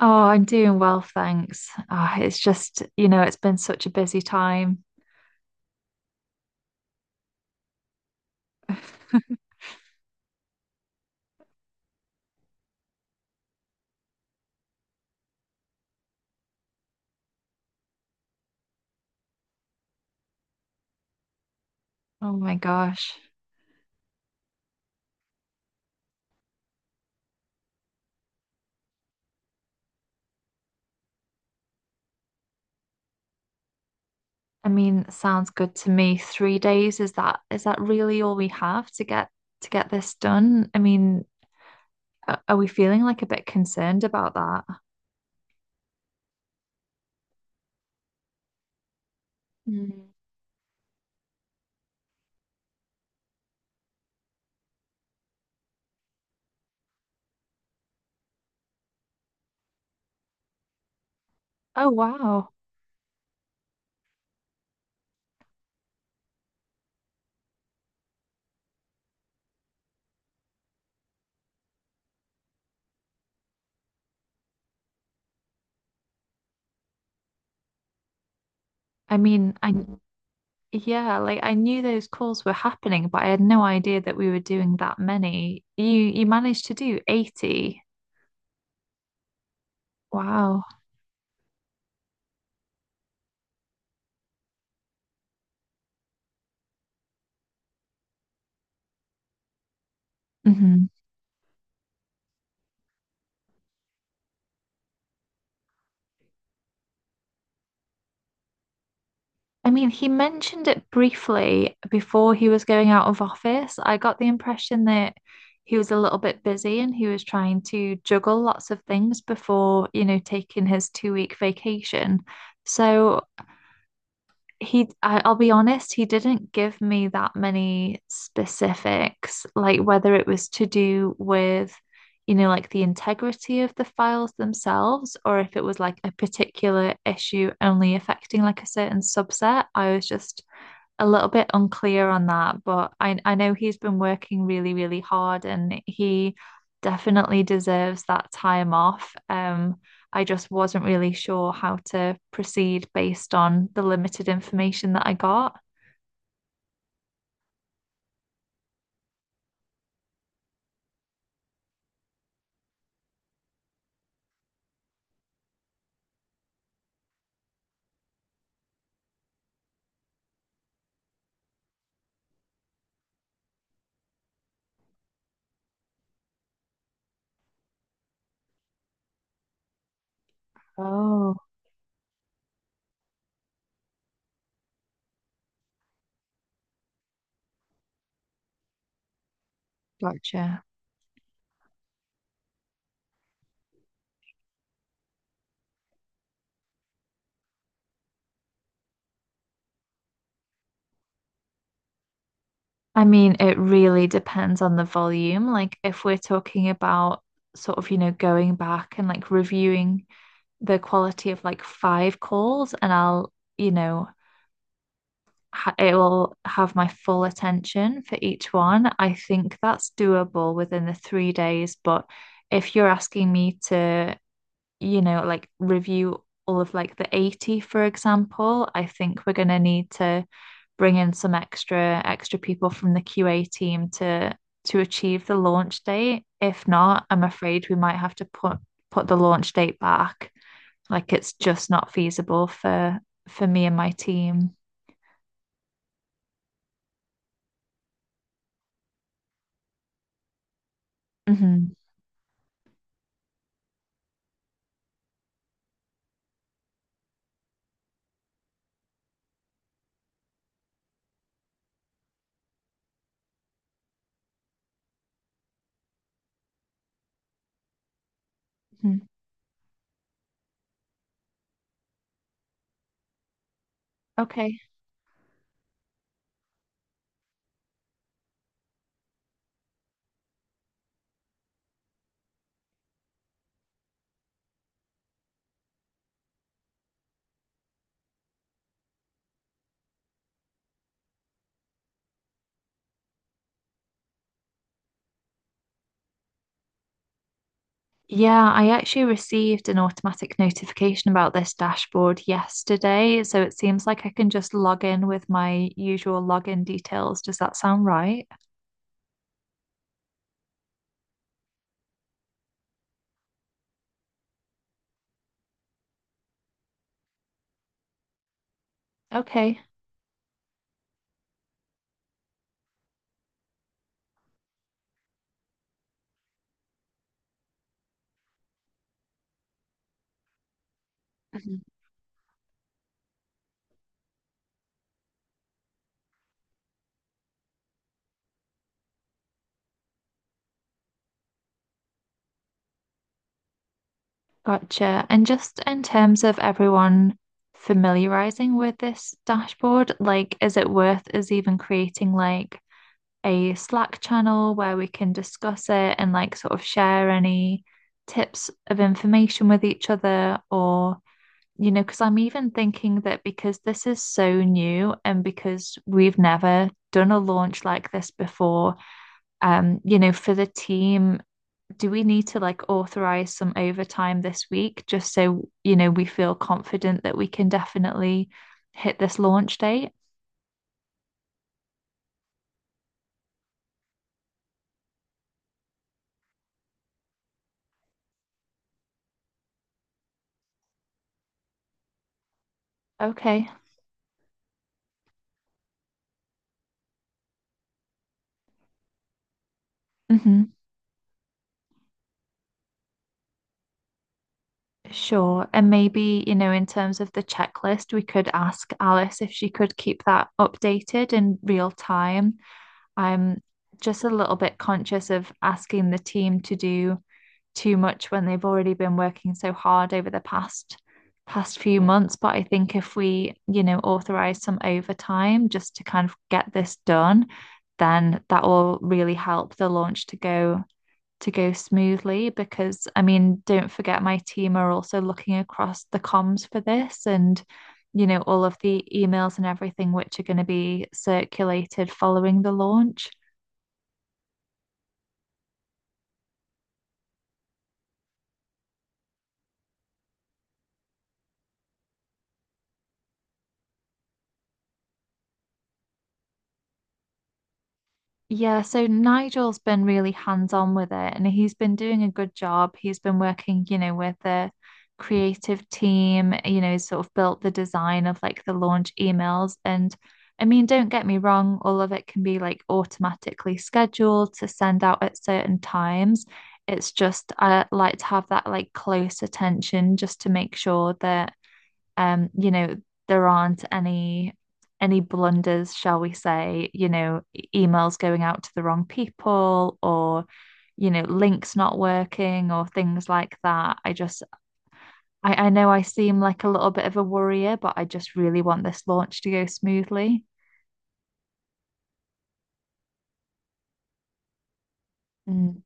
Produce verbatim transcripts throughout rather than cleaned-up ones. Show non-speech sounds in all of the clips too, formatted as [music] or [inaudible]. Oh, I'm doing well, thanks. Oh, it's just, you know, it's been such a busy time. [laughs] Oh my gosh. I mean, sounds good to me. Three days, is that is that really all we have to get to get this done? I mean, a- are we feeling like a bit concerned about that? Mm. Oh wow. I mean, I Yeah, like I knew those calls were happening, but I had no idea that we were doing that many. You you managed to do eighty. Wow. hmm I mean, he mentioned it briefly before he was going out of office. I got the impression that he was a little bit busy and he was trying to juggle lots of things before, you know, taking his two week vacation. So he I, I'll be honest, he didn't give me that many specifics, like whether it was to do with, you know, like the integrity of the files themselves, or if it was like a particular issue only affecting like a certain subset. I was just a little bit unclear on that, but I I know he's been working really, really hard and he definitely deserves that time off. Um, I just wasn't really sure how to proceed based on the limited information that I got. Oh, gotcha. I mean, it really depends on the volume. Like, if we're talking about sort of, you know, going back and like reviewing the quality of like five calls, and I'll, you know, it will have my full attention for each one. I think that's doable within the three days, but if you're asking me to, you know, like review all of like the eighty, for example, I think we're going to need to bring in some extra extra people from the Q A team to to achieve the launch date. If not, I'm afraid we might have to put put the launch date back. Like it's just not feasible for for me and my team. Hmm. Okay. Yeah, I actually received an automatic notification about this dashboard yesterday, so it seems like I can just log in with my usual login details. Does that sound right? Okay. Mhm. Gotcha. And just in terms of everyone familiarizing with this dashboard, like, is it worth us even creating like a Slack channel where we can discuss it and like sort of share any tips of information with each other or? You know, because I'm even thinking that because this is so new and because we've never done a launch like this before, um, you know, for the team, do we need to like authorize some overtime this week just so, you know, we feel confident that we can definitely hit this launch date? Okay. Hmm. Sure. And maybe, you know, in terms of the checklist, we could ask Alice if she could keep that updated in real time. I'm just a little bit conscious of asking the team to do too much when they've already been working so hard over the past past few months, but I think if we, you know, authorize some overtime just to kind of get this done, then that will really help the launch to go to go smoothly, because I mean, don't forget my team are also looking across the comms for this, and you know, all of the emails and everything which are going to be circulated following the launch. Yeah, so Nigel's been really hands-on with it and he's been doing a good job. He's been working, you know, with the creative team, you know, sort of built the design of like the launch emails. And I mean, don't get me wrong, all of it can be like automatically scheduled to send out at certain times. It's just I like to have that like close attention just to make sure that um, you know, there aren't any any blunders, shall we say, you know, e- emails going out to the wrong people or, you know, links not working or things like that. I just I, I know I seem like a little bit of a worrier, but I just really want this launch to go smoothly. Mm,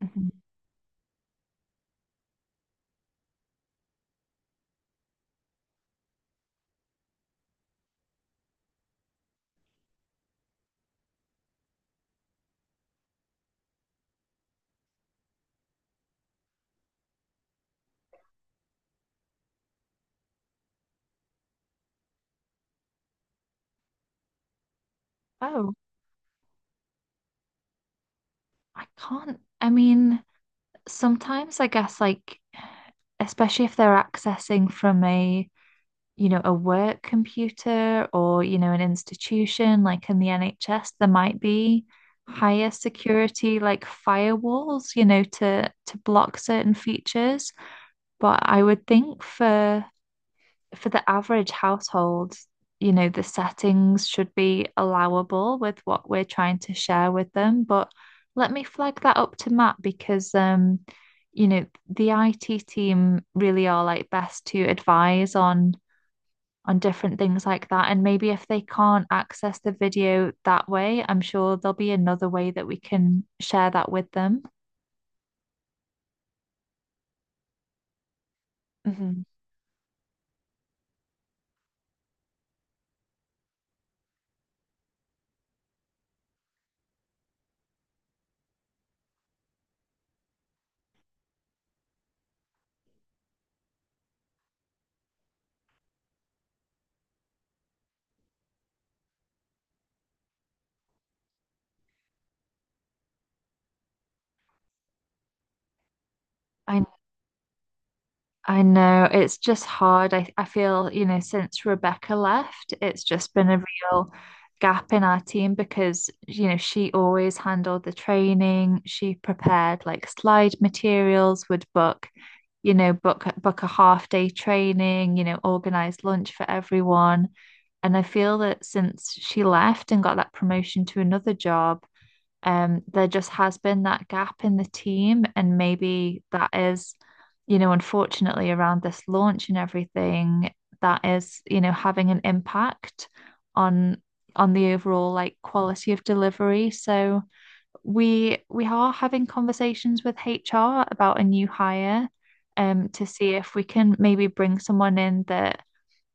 mhm. Oh, I can't. I mean, sometimes I guess like especially if they're accessing from a you know, a work computer or, you know, an institution like in the N H S, there might be higher security like firewalls, you know, to to block certain features. But I would think for for the average household, you know, the settings should be allowable with what we're trying to share with them. But let me flag that up to Matt, because um, you know, the I T team really are like best to advise on on different things like that. And maybe if they can't access the video that way, I'm sure there'll be another way that we can share that with them. Mhm. I I know it's just hard. I, I feel, you know, since Rebecca left, it's just been a real gap in our team because, you know, she always handled the training. She prepared like slide materials, would book, you know, book book a half day training, you know, organize lunch for everyone. And I feel that since she left and got that promotion to another job, um, there just has been that gap in the team, and maybe that is, you know, unfortunately around this launch and everything, that is, you know, having an impact on on the overall like quality of delivery. So we we are having conversations with H R about a new hire um to see if we can maybe bring someone in that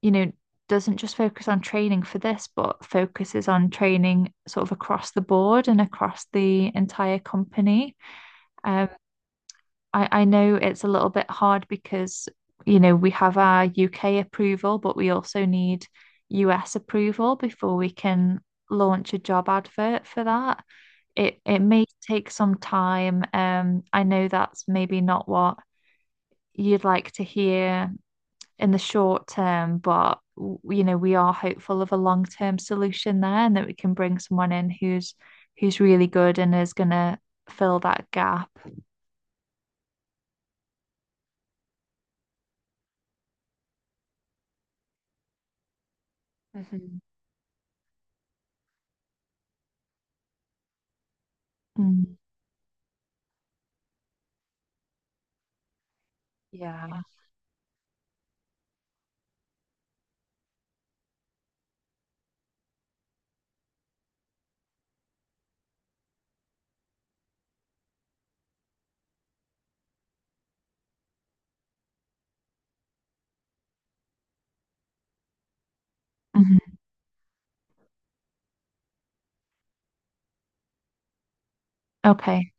you know, doesn't just focus on training for this, but focuses on training sort of across the board and across the entire company. Um, I, I know it's a little bit hard because, you know, we have our U K approval, but we also need U S approval before we can launch a job advert for that. It it may take some time. Um, I know that's maybe not what you'd like to hear in the short term, but you know, we are hopeful of a long-term solution there and that we can bring someone in who's who's really good and is gonna fill that gap. Hmm. Mm, yeah. Mhm. Okay.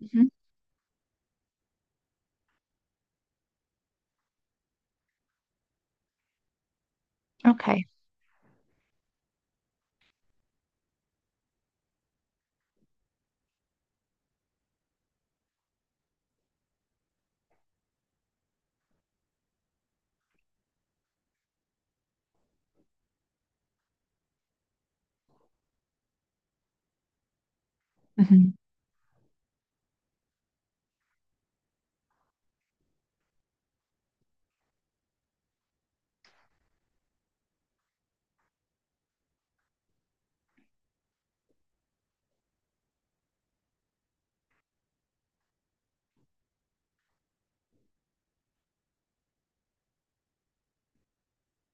Hmm. Okay. Hmm.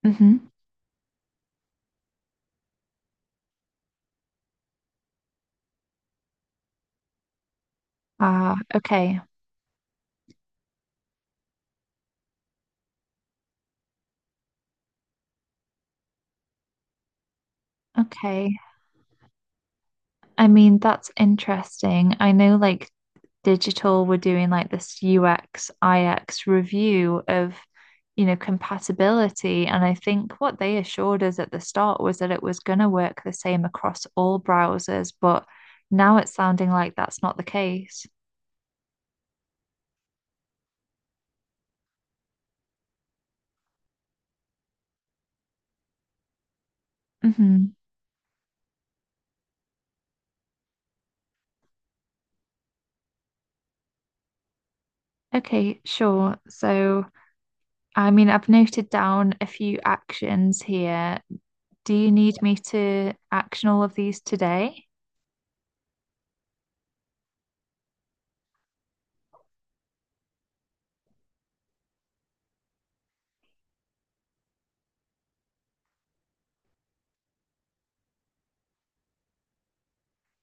Hmm. Ah, okay. Okay. I mean, that's interesting. I know like digital we're doing like this U X I X review of, you know compatibility, and I think what they assured us at the start was that it was going to work the same across all browsers, but now it's sounding like that's not the case. Hmm. Okay, sure. So I mean I've noted down a few actions here. Do you need me to action all of these today?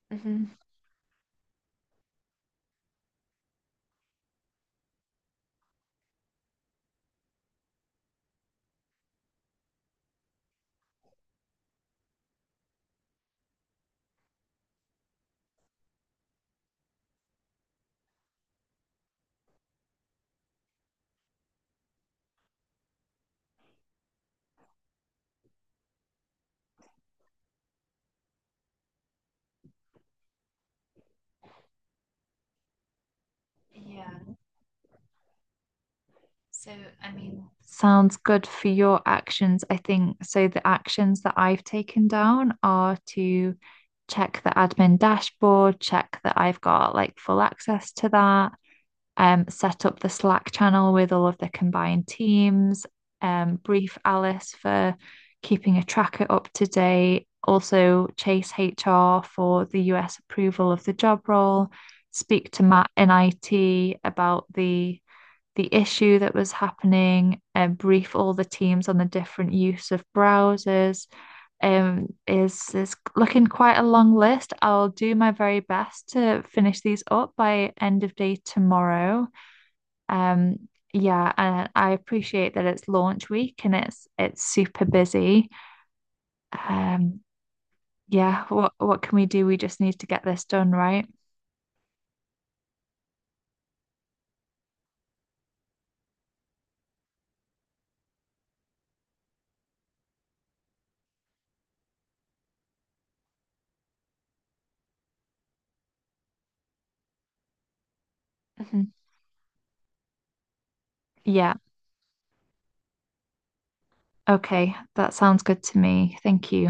Mhm. Yeah. So, I mean, sounds good for your actions, I think. So the actions that I've taken down are to check the admin dashboard, check that I've got like full access to that, um, set up the Slack channel with all of the combined teams, um, brief Alice for keeping a tracker up to date, also chase H R for the U S approval of the job role, speak to Matt in I T about the the issue that was happening, and um, brief all the teams on the different use of browsers. Um, is is looking quite a long list. I'll do my very best to finish these up by end of day tomorrow. Um, yeah, and I appreciate that it's launch week and it's it's super busy. Um, yeah, what what can we do? We just need to get this done, right? Mm-hmm. Yeah, okay, that sounds good to me. Thank you.